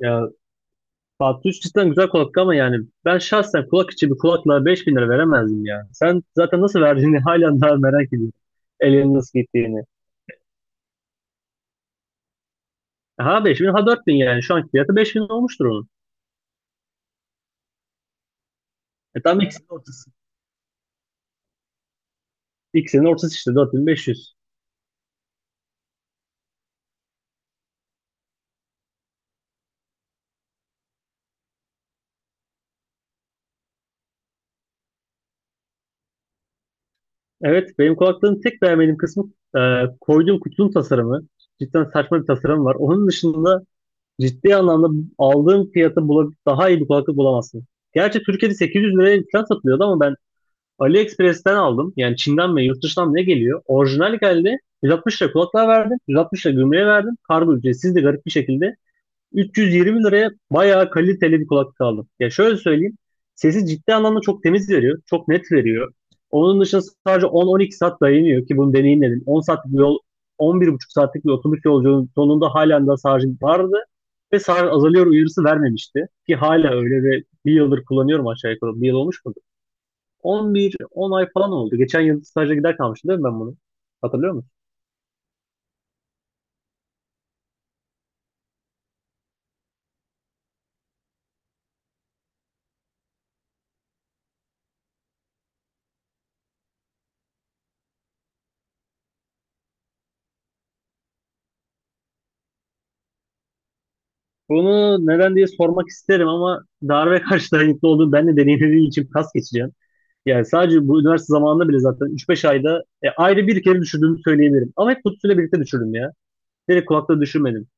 Ya Fatih Üç cidden güzel kulaklık ama yani ben şahsen kulak içi bir kulaklığa 5000 lira veremezdim ya. Sen zaten nasıl verdiğini hala daha merak ediyorum. Elinin nasıl gittiğini. Ha 5000 ha 4000, yani şu anki fiyatı 5000 olmuştur onun. E tam ikisinin ortası. İkisinin ortası işte 4500. Evet, benim kulaklığın tek beğenmediğim kısmı e, koyduğum kutunun tasarımı. Cidden saçma bir tasarım var. Onun dışında ciddi anlamda aldığım daha iyi bir kulaklık bulamazsın. Gerçi Türkiye'de 800 liraya falan satılıyordu ama ben AliExpress'ten aldım. Yani Çin'den mi yurt dışından mı ne geliyor? Orijinal geldi. 160 lira kulaklığa verdim. 160 lira gümrüğe verdim. Kargo ücretsiz de garip bir şekilde. 320 liraya bayağı kaliteli bir kulaklık aldım. Ya şöyle söyleyeyim. Sesi ciddi anlamda çok temiz veriyor. Çok net veriyor. Onun dışında sadece 10-12 saat dayanıyor ki bunu deneyimledim. 10 saatlik bir yol, 11,5 saatlik bir otobüs yolculuğunun sonunda halen daha şarjım vardı. Ve şarj azalıyor uyarısı vermemişti. Ki hala öyle ve bir yıldır kullanıyorum aşağı yukarı. Bir yıl olmuş mu? 11, 10 ay falan oldu. Geçen yıl staja gider kalmıştım değil mi ben bunu? Hatırlıyor musun? Bunu neden diye sormak isterim ama darbe karşı dayanıklı olduğunu ben de deneyimlediğim için pas geçeceğim. Yani sadece bu üniversite zamanında bile zaten ayda bir kere düşürdüğümü söyleyebilirim. Ama hep kutusuyla birlikte düşürdüm ya. Direkt kulakta düşürmedim.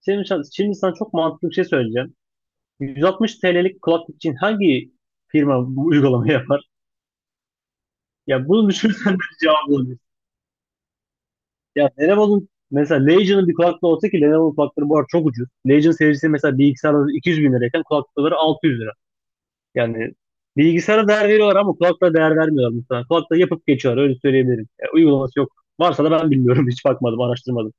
Şimdi sana çok mantıklı bir şey söyleyeceğim. 160 TL'lik kulaklık için hangi firma bu uygulamayı yapar? Ya bunu düşünürsen de cevap olabilir. Ya Lenovo'nun mesela Legion'ın bir kulaklığı olsa, ki Lenovo'nun kulaklıkları bu arada çok ucuz. Legion serisi mesela bilgisayarda 200 bin lirayken kulaklıkları 600 lira. Yani bilgisayara değer veriyorlar ama kulaklığa değer vermiyorlar mesela. Kulaklığı yapıp geçiyorlar, öyle söyleyebilirim. Ya, uygulaması yok. Varsa da ben bilmiyorum, hiç bakmadım, araştırmadım.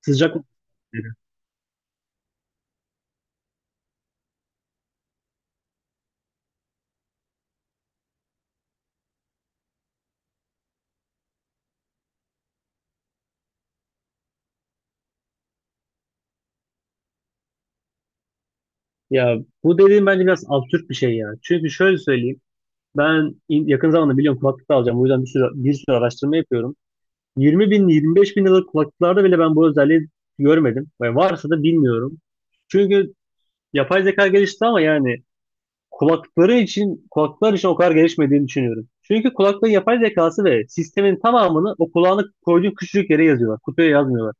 Sıcak mı? Ya bu dediğim bence biraz absürt bir şey ya. Çünkü şöyle söyleyeyim. Yakın zamanda biliyorum kulaklık da alacağım. O yüzden bir sürü araştırma yapıyorum. 20 bin, 25 bin liralık kulaklıklarda bile ben bu özelliği görmedim. Ve varsa da bilmiyorum. Çünkü yapay zeka gelişti ama yani kulaklar için o kadar gelişmediğini düşünüyorum. Çünkü kulaklığın yapay zekası ve sistemin tamamını o kulağını koyduğun küçücük yere yazıyorlar. Kutuya yazmıyorlar.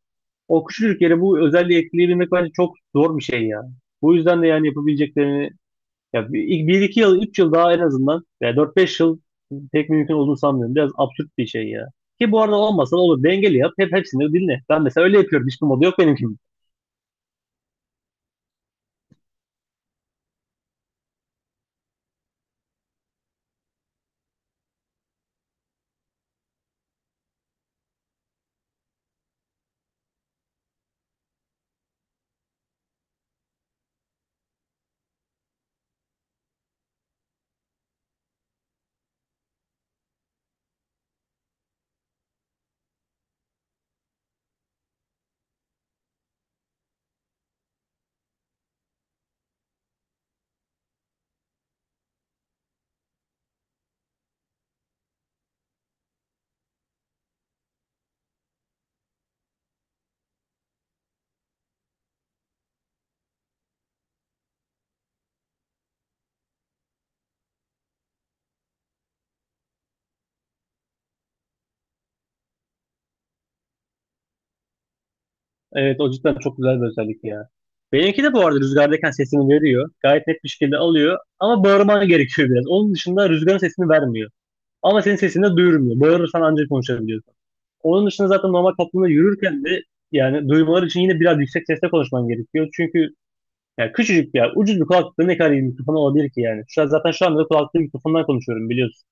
O küçücük yere bu özelliği ekleyebilmek bence çok zor bir şey ya. Bu yüzden de yani yapabileceklerini ya bir, 1-2 yıl, 3 yıl daha en azından veya 4-5 yıl pek mümkün olduğunu sanmıyorum. Biraz absürt bir şey ya. Ki bu arada olmasa da olur. Dengeli yap. Hepsini dinle. Ben mesela öyle yapıyorum. Hiçbir modu yok benimki. Evet, o cidden çok güzel bir özellik ya. Benimki de bu arada rüzgardayken sesini veriyor. Gayet net bir şekilde alıyor. Ama bağırman gerekiyor biraz. Onun dışında rüzgarın sesini vermiyor. Ama senin sesini de duyurmuyor. Bağırırsan ancak konuşabiliyorsun. Onun dışında zaten normal toplumda yürürken de yani duymaları için yine biraz yüksek sesle konuşman gerekiyor. Çünkü yani küçücük bir yer. Ucuz bir kulaklıkla ne kadar iyi mikrofon olabilir ki yani. Şu an zaten şu anda da kulaklıklı mikrofondan konuşuyorum, biliyorsun.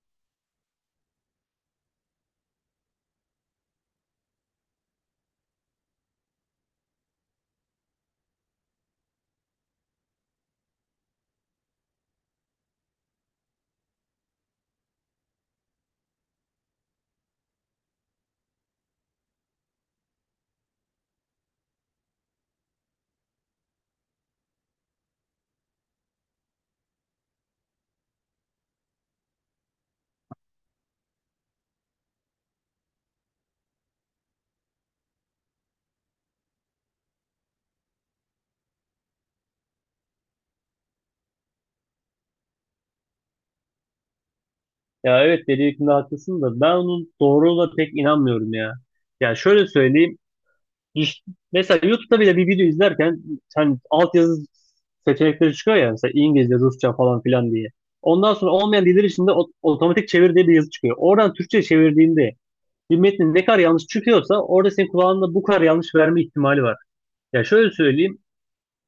Ya evet, dediğinde haklısın da ben onun doğruluğuna pek inanmıyorum ya. Yani şöyle söyleyeyim. İş- Mesela YouTube'da bile bir video izlerken hani altyazı seçenekleri çıkıyor ya, mesela İngilizce, Rusça falan filan diye. Ondan sonra olmayan diller içinde otomatik çevir diye bir yazı çıkıyor. Oradan Türkçe çevirdiğinde bir metnin ne kadar yanlış çıkıyorsa orada senin kulağında bu kadar yanlış verme ihtimali var. Ya şöyle söyleyeyim.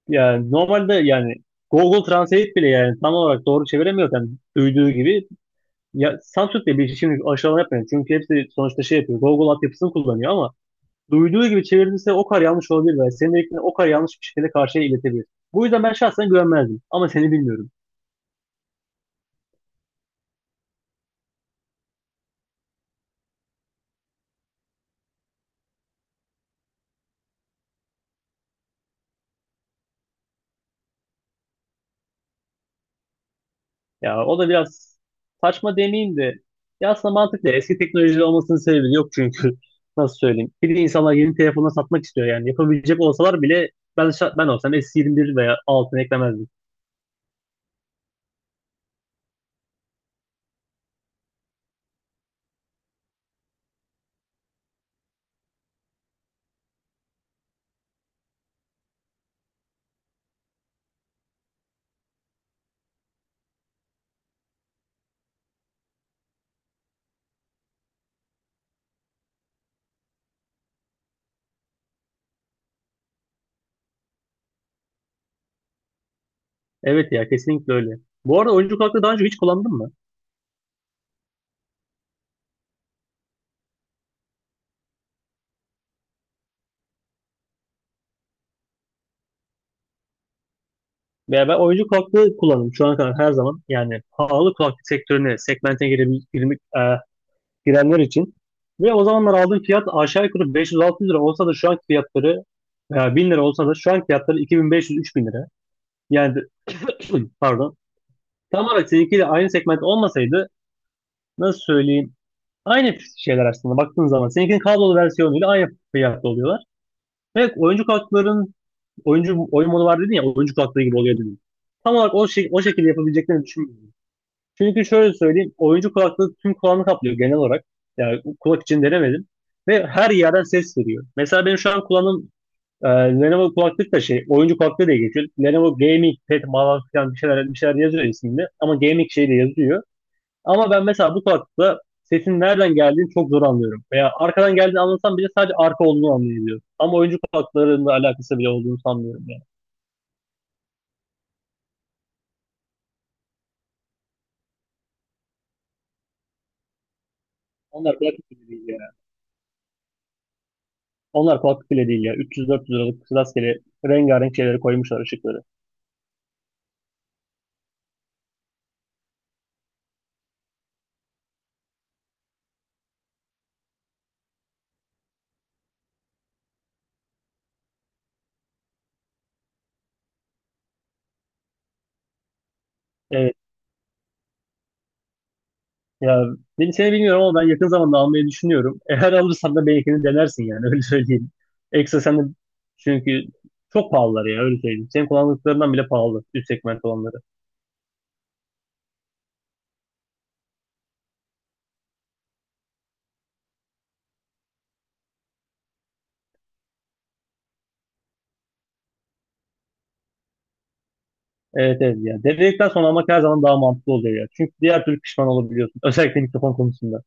Yani normalde yani Google Translate bile yani tam olarak doğru çeviremiyorken duyduğu gibi, ya Samsung de bir şimdi aşağılama yapmayın. Çünkü hepsi sonuçta şey yapıyor. Google altyapısını kullanıyor ama duyduğu gibi çevirdiyse o kadar yanlış olabilir ve senin dediklerini o kadar yanlış bir şekilde karşıya iletebilir. Bu yüzden ben şahsen güvenmezdim. Ama seni bilmiyorum. Ya o da biraz saçma demeyeyim de, ya aslında mantıklı. Eski teknoloji olmasının sebebi yok çünkü. Nasıl söyleyeyim? Bir de insanlar yeni telefonla satmak istiyor yani. Yapabilecek olsalar bile ben olsam S21 veya altını eklemezdim. Evet ya, kesinlikle öyle. Bu arada oyuncu kulaklığı daha önce hiç kullandın mı? Veya ben oyuncu kulaklığı kullandım şu ana kadar her zaman. Yani pahalı kulaklık sektörüne, segmente girebil- girmek- e, girenler için. Ve o zamanlar aldığım fiyat aşağı yukarı 500-600 lira olsa da şu anki fiyatları, veya 1000 lira olsa da şu anki fiyatları 2500-3000 lira. Yani pardon. Tamamen seninkiyle aynı segment olmasaydı, nasıl söyleyeyim? Aynı şeyler aslında baktığın zaman. Seninkinin kablolu versiyonuyla aynı fiyatta oluyorlar. Evet, oyuncu oyun modu var dedin ya, oyuncu kartları gibi oluyor dedim. Tam olarak o şekilde yapabileceklerini düşünmüyorum. Çünkü şöyle söyleyeyim, oyuncu kulaklığı tüm kulağını kaplıyor genel olarak. Yani kulak için denemedim. Ve her yerden ses veriyor. Mesela benim şu an kulağım, Lenovo kulaklık da şey oyuncu kulaklığı diye geçiyor. Lenovo Gaming Pad falan filan bir şeyler yazıyor isminde. Ama gaming şey de yazıyor. Ama ben mesela bu kulaklıkla sesin nereden geldiğini çok zor anlıyorum. Veya arkadan geldiğini anlasam bile sadece arka olduğunu anlayabiliyorum. Ama oyuncu kulaklıklarında alakası bile olduğunu sanmıyorum yani. Onlar kulaklık bile değil ya. Onlar kulaklık bile değil ya. 300-400 liralık rastgele rengarenk şeyleri koymuşlar ışıkları. Evet ya, seni bilmiyorum ama ben yakın zamanda almayı düşünüyorum. Eğer alırsan da belki denersin, yani öyle söyleyeyim. Ekstra sen de, çünkü çok pahalılar ya, öyle söyleyeyim. Senin kullandıklarından bile pahalı üst segment olanları. Evet evet ya. Denedikten sonra almak her zaman daha mantıklı oluyor ya. Çünkü diğer türlü pişman olabiliyorsun. Özellikle mikrofon konusunda.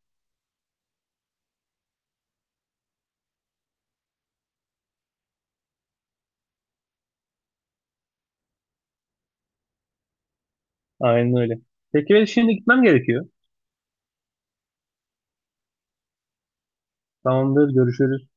Aynen öyle. Peki ben şimdi gitmem gerekiyor. Tamamdır. Görüşürüz.